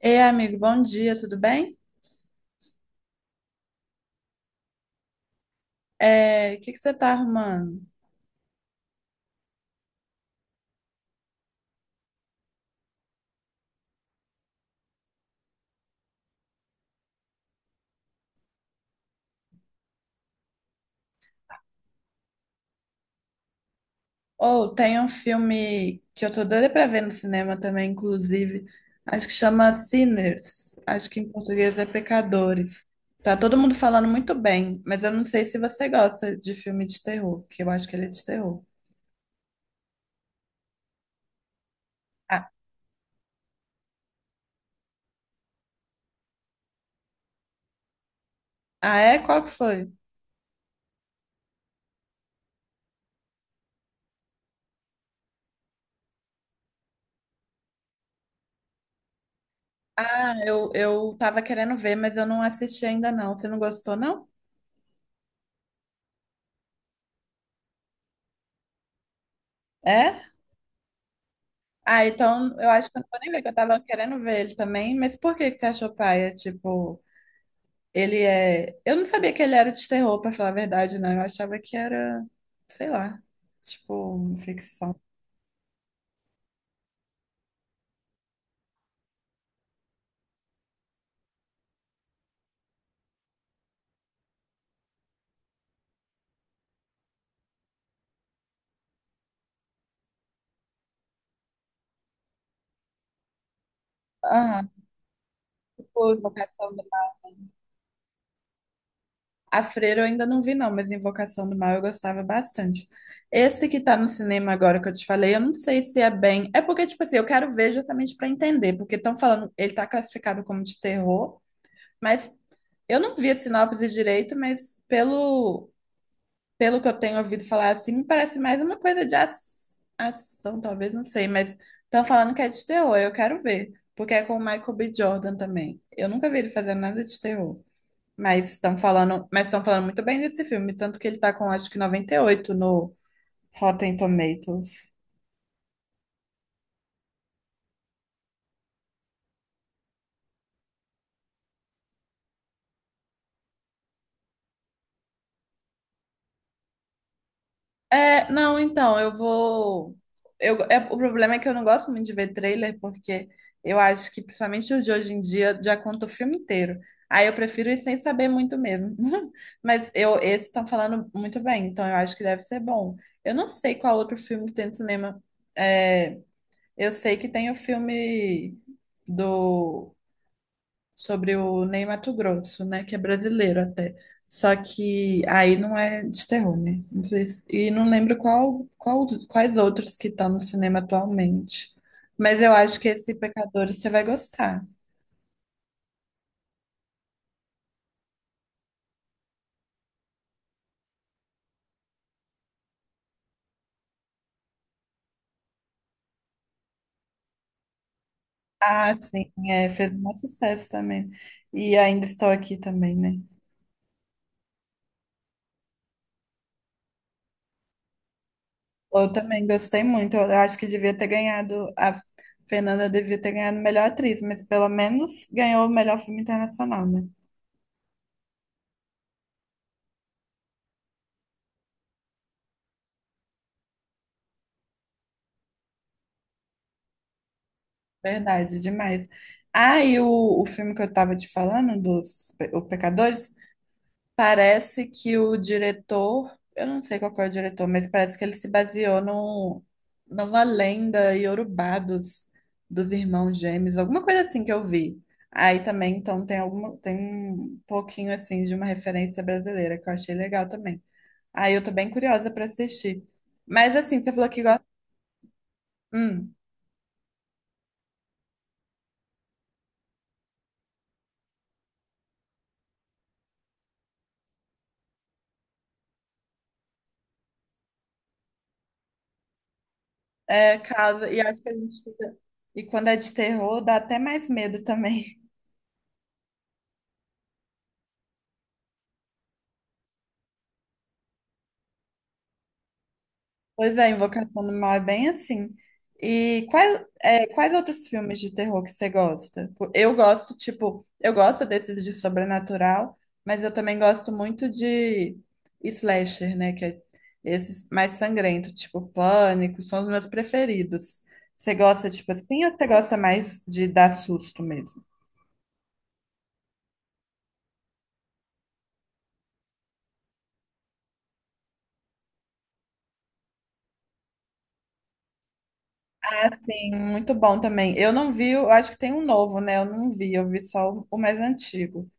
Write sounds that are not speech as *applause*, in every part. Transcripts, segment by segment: Ei, amigo, bom dia, tudo bem? O que que você tá arrumando? Ou tem um filme que eu tô doida pra ver no cinema também, inclusive. Acho que chama Sinners. Acho que em português é Pecadores. Tá todo mundo falando muito bem, mas eu não sei se você gosta de filme de terror, que eu acho que ele é de terror. Ah, ah, é? Qual que foi? Ah, eu tava querendo ver, mas eu não assisti ainda não. Você não gostou, não? É? Ah, então eu acho que eu não vou nem ver, que eu tava querendo ver ele também. Mas por que que você achou paia? Tipo, ele é. Eu não sabia que ele era de terror, pra falar a verdade, não. Eu achava que era, sei lá, tipo, ficção. Ah, tipo, Invocação do Mal. A Freira eu ainda não vi, não, mas Invocação do Mal eu gostava bastante. Esse que tá no cinema agora que eu te falei, eu não sei se é bem. É porque, tipo assim, eu quero ver justamente pra entender, porque estão falando, ele tá classificado como de terror. Mas eu não vi a sinopse direito, mas pelo que eu tenho ouvido falar assim, me parece mais uma coisa de ação, talvez, não sei, mas estão falando que é de terror, eu quero ver, porque é com o Michael B. Jordan também. Eu nunca vi ele fazer nada de terror, mas estão falando, muito bem desse filme, tanto que ele tá com acho que 98 no Rotten Tomatoes. É, não, então, eu vou. Eu, é, o problema é que eu não gosto muito de ver trailer, porque eu acho que, principalmente os de hoje em dia, já conta o filme inteiro. Aí eu prefiro ir sem saber muito mesmo. *laughs* Mas eu, esses estão falando muito bem, então eu acho que deve ser bom. Eu não sei qual outro filme que tem no cinema. É, eu sei que tem o filme do sobre o Ney Matogrosso, né? Que é brasileiro até. Só que aí não é de terror, né? Não sei se- E não lembro quais outros que estão no cinema atualmente. Mas eu acho que esse Pecadores você vai gostar. Ah, sim, é, fez um sucesso também. E ainda estou aqui também, né? Eu também gostei muito. Eu acho que devia ter ganhado, a Fernanda devia ter ganhado melhor atriz, mas pelo menos ganhou o melhor filme internacional, né? Verdade, demais. Ah, e o filme que eu tava te falando, dos o Pecadores, parece que o diretor, eu não sei qual que é o diretor, mas parece que ele se baseou no, numa lenda iorubá dos irmãos gêmeos, alguma coisa assim que eu vi. Aí também, então, tem alguma, tem um pouquinho assim de uma referência brasileira que eu achei legal também. Aí eu tô bem curiosa pra assistir. Mas assim, você falou que gosta. Hum. É, causa. E acho que a gente fica. E quando é de terror, dá até mais medo também. *laughs* Pois é, Invocação do Mal é bem assim. E quais outros filmes de terror que você gosta? Pô, eu gosto, tipo, eu gosto desses de sobrenatural, mas eu também gosto muito de slasher, né? Que é esses mais sangrentos, tipo Pânico, são os meus preferidos. Você gosta, tipo assim, ou você gosta mais de dar susto mesmo? Ah, sim, muito bom também. Eu não vi, eu acho que tem um novo, né? Eu não vi, eu vi só o mais antigo.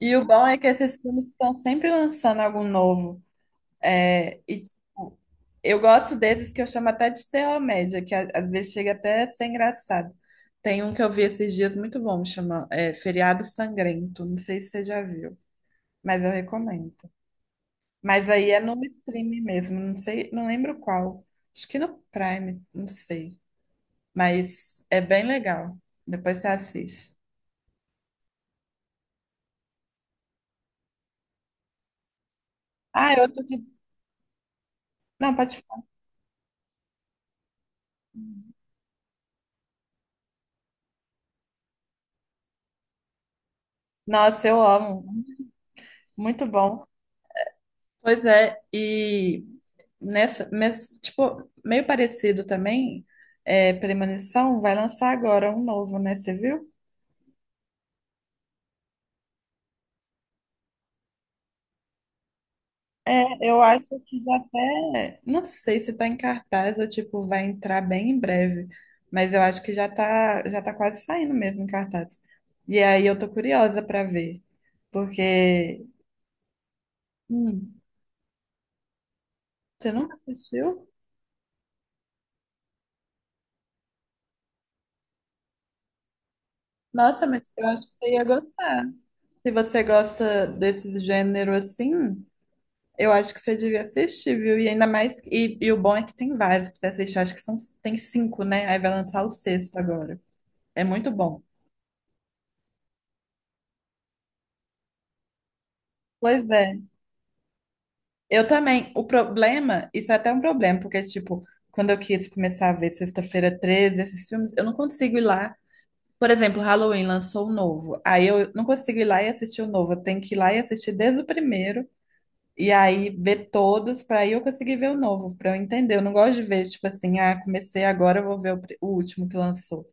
E o bom é que esses filmes estão sempre lançando algo novo. É, e tipo, eu gosto desses que eu chamo até de terror média, que às vezes chega até a ser engraçado. Tem um que eu vi esses dias muito bom, chama Feriado Sangrento. Não sei se você já viu, mas eu recomendo. Mas aí é no streaming mesmo, não sei, não lembro qual. Acho que no Prime, não sei. Mas é bem legal. Depois você assiste. Ah, é outro que. Não, pode falar. Nossa, eu amo. Muito bom. Pois é, e nessa, tipo, meio parecido também, Premonição vai lançar agora um novo, né? Você viu? É, eu acho que já até. Não sei se tá em cartaz ou tipo, vai entrar bem em breve. Mas eu acho que já tá quase saindo mesmo em cartaz. E aí eu tô curiosa pra ver. Porque. Hum. Você nunca assistiu? Nossa, mas eu acho que você ia gostar. Se você gosta desse gênero assim, eu acho que você devia assistir, viu? E ainda mais. E o bom é que tem vários pra você assistir. Acho que são, tem cinco, né? Aí vai lançar o sexto agora. É muito bom. Pois é. Eu também. O problema, isso é até um problema, porque, tipo, quando eu quis começar a ver Sexta-feira 13, esses filmes, eu não consigo ir lá. Por exemplo, Halloween lançou o novo. Aí eu não consigo ir lá e assistir o novo. Eu tenho que ir lá e assistir desde o primeiro. E aí ver todos para aí eu conseguir ver o novo, para eu entender. Eu não gosto de ver, tipo assim, ah, comecei agora, eu vou ver o, o último que lançou.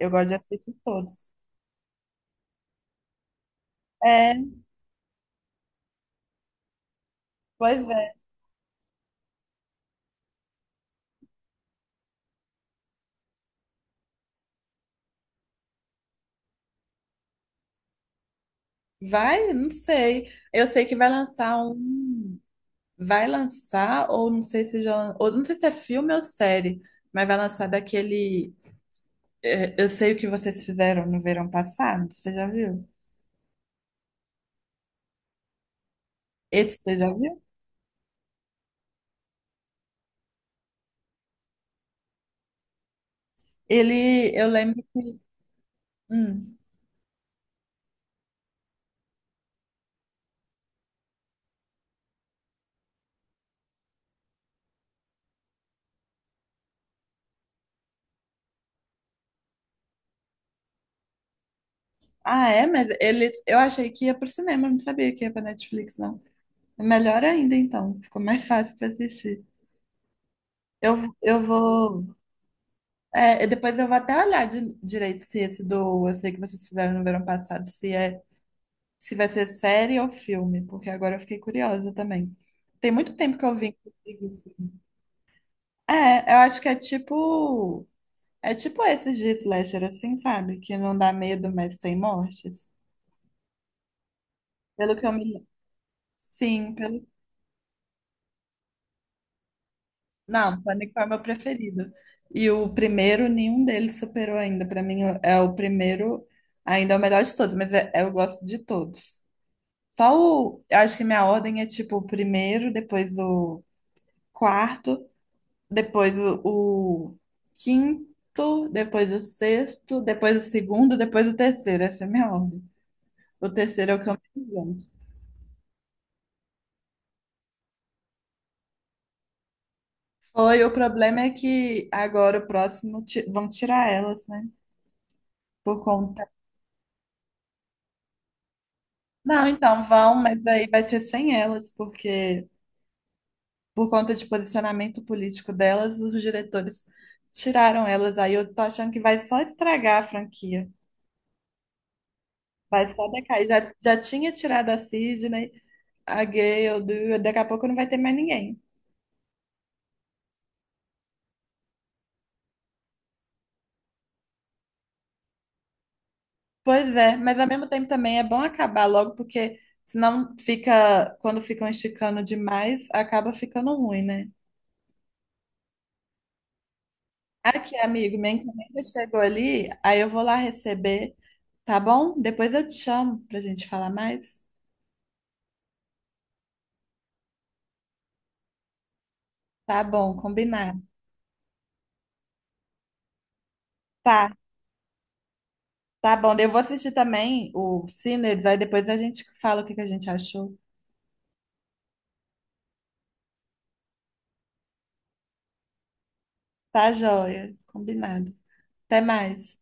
Eu gosto de assistir todos. É, pois é. Vai? Não sei. Eu sei que vai lançar um. Vai lançar, ou não sei se já. Ou não sei se é filme ou série, mas vai lançar daquele. Eu sei o que vocês fizeram no verão passado. Você já viu? Esse você já viu? Ele, eu lembro que. Hum. Ah, é? Mas ele, eu achei que ia pro cinema, não sabia que ia pra Netflix, não. É melhor ainda, então. Ficou mais fácil pra assistir. Eu, eu vou. É, e depois eu vou até olhar direito se esse do. Eu sei que vocês fizeram no verão passado, se vai ser série ou filme, porque agora eu fiquei curiosa também. Tem muito tempo que eu vi. Inclusive. É, eu acho que é tipo. É tipo esses de slasher, assim, sabe? Que não dá medo, mas tem mortes. Pelo que eu me. Sim. Não, Pânico é o meu preferido. E o primeiro, nenhum deles superou ainda. Pra mim, é o primeiro, ainda é o melhor de todos, mas é, eu gosto de todos. Só o. Eu acho que minha ordem é tipo o primeiro, depois o quarto, depois o quinto, depois o sexto, depois o segundo, depois o terceiro. Essa é a minha ordem. O terceiro é o que eu menos gosto. Foi, o problema é que agora o próximo vão tirar elas, né? Por conta. Não, então vão, mas aí vai ser sem elas, porque por conta de posicionamento político delas, os diretores tiraram elas. Aí eu tô achando que vai só estragar a franquia. Vai só decair. Já tinha tirado a Sidney, a Gale, daqui a pouco não vai ter mais ninguém. Pois é, mas ao mesmo tempo também é bom acabar logo, porque senão fica, quando ficam esticando demais, acaba ficando ruim, né? Aqui, amigo, minha encomenda chegou ali, aí eu vou lá receber, tá bom? Depois eu te chamo pra gente falar mais. Tá bom, combinado. Tá, tá bom. Eu vou assistir também o Sinners, aí depois a gente fala o que que a gente achou. Tá joia, combinado. Até mais.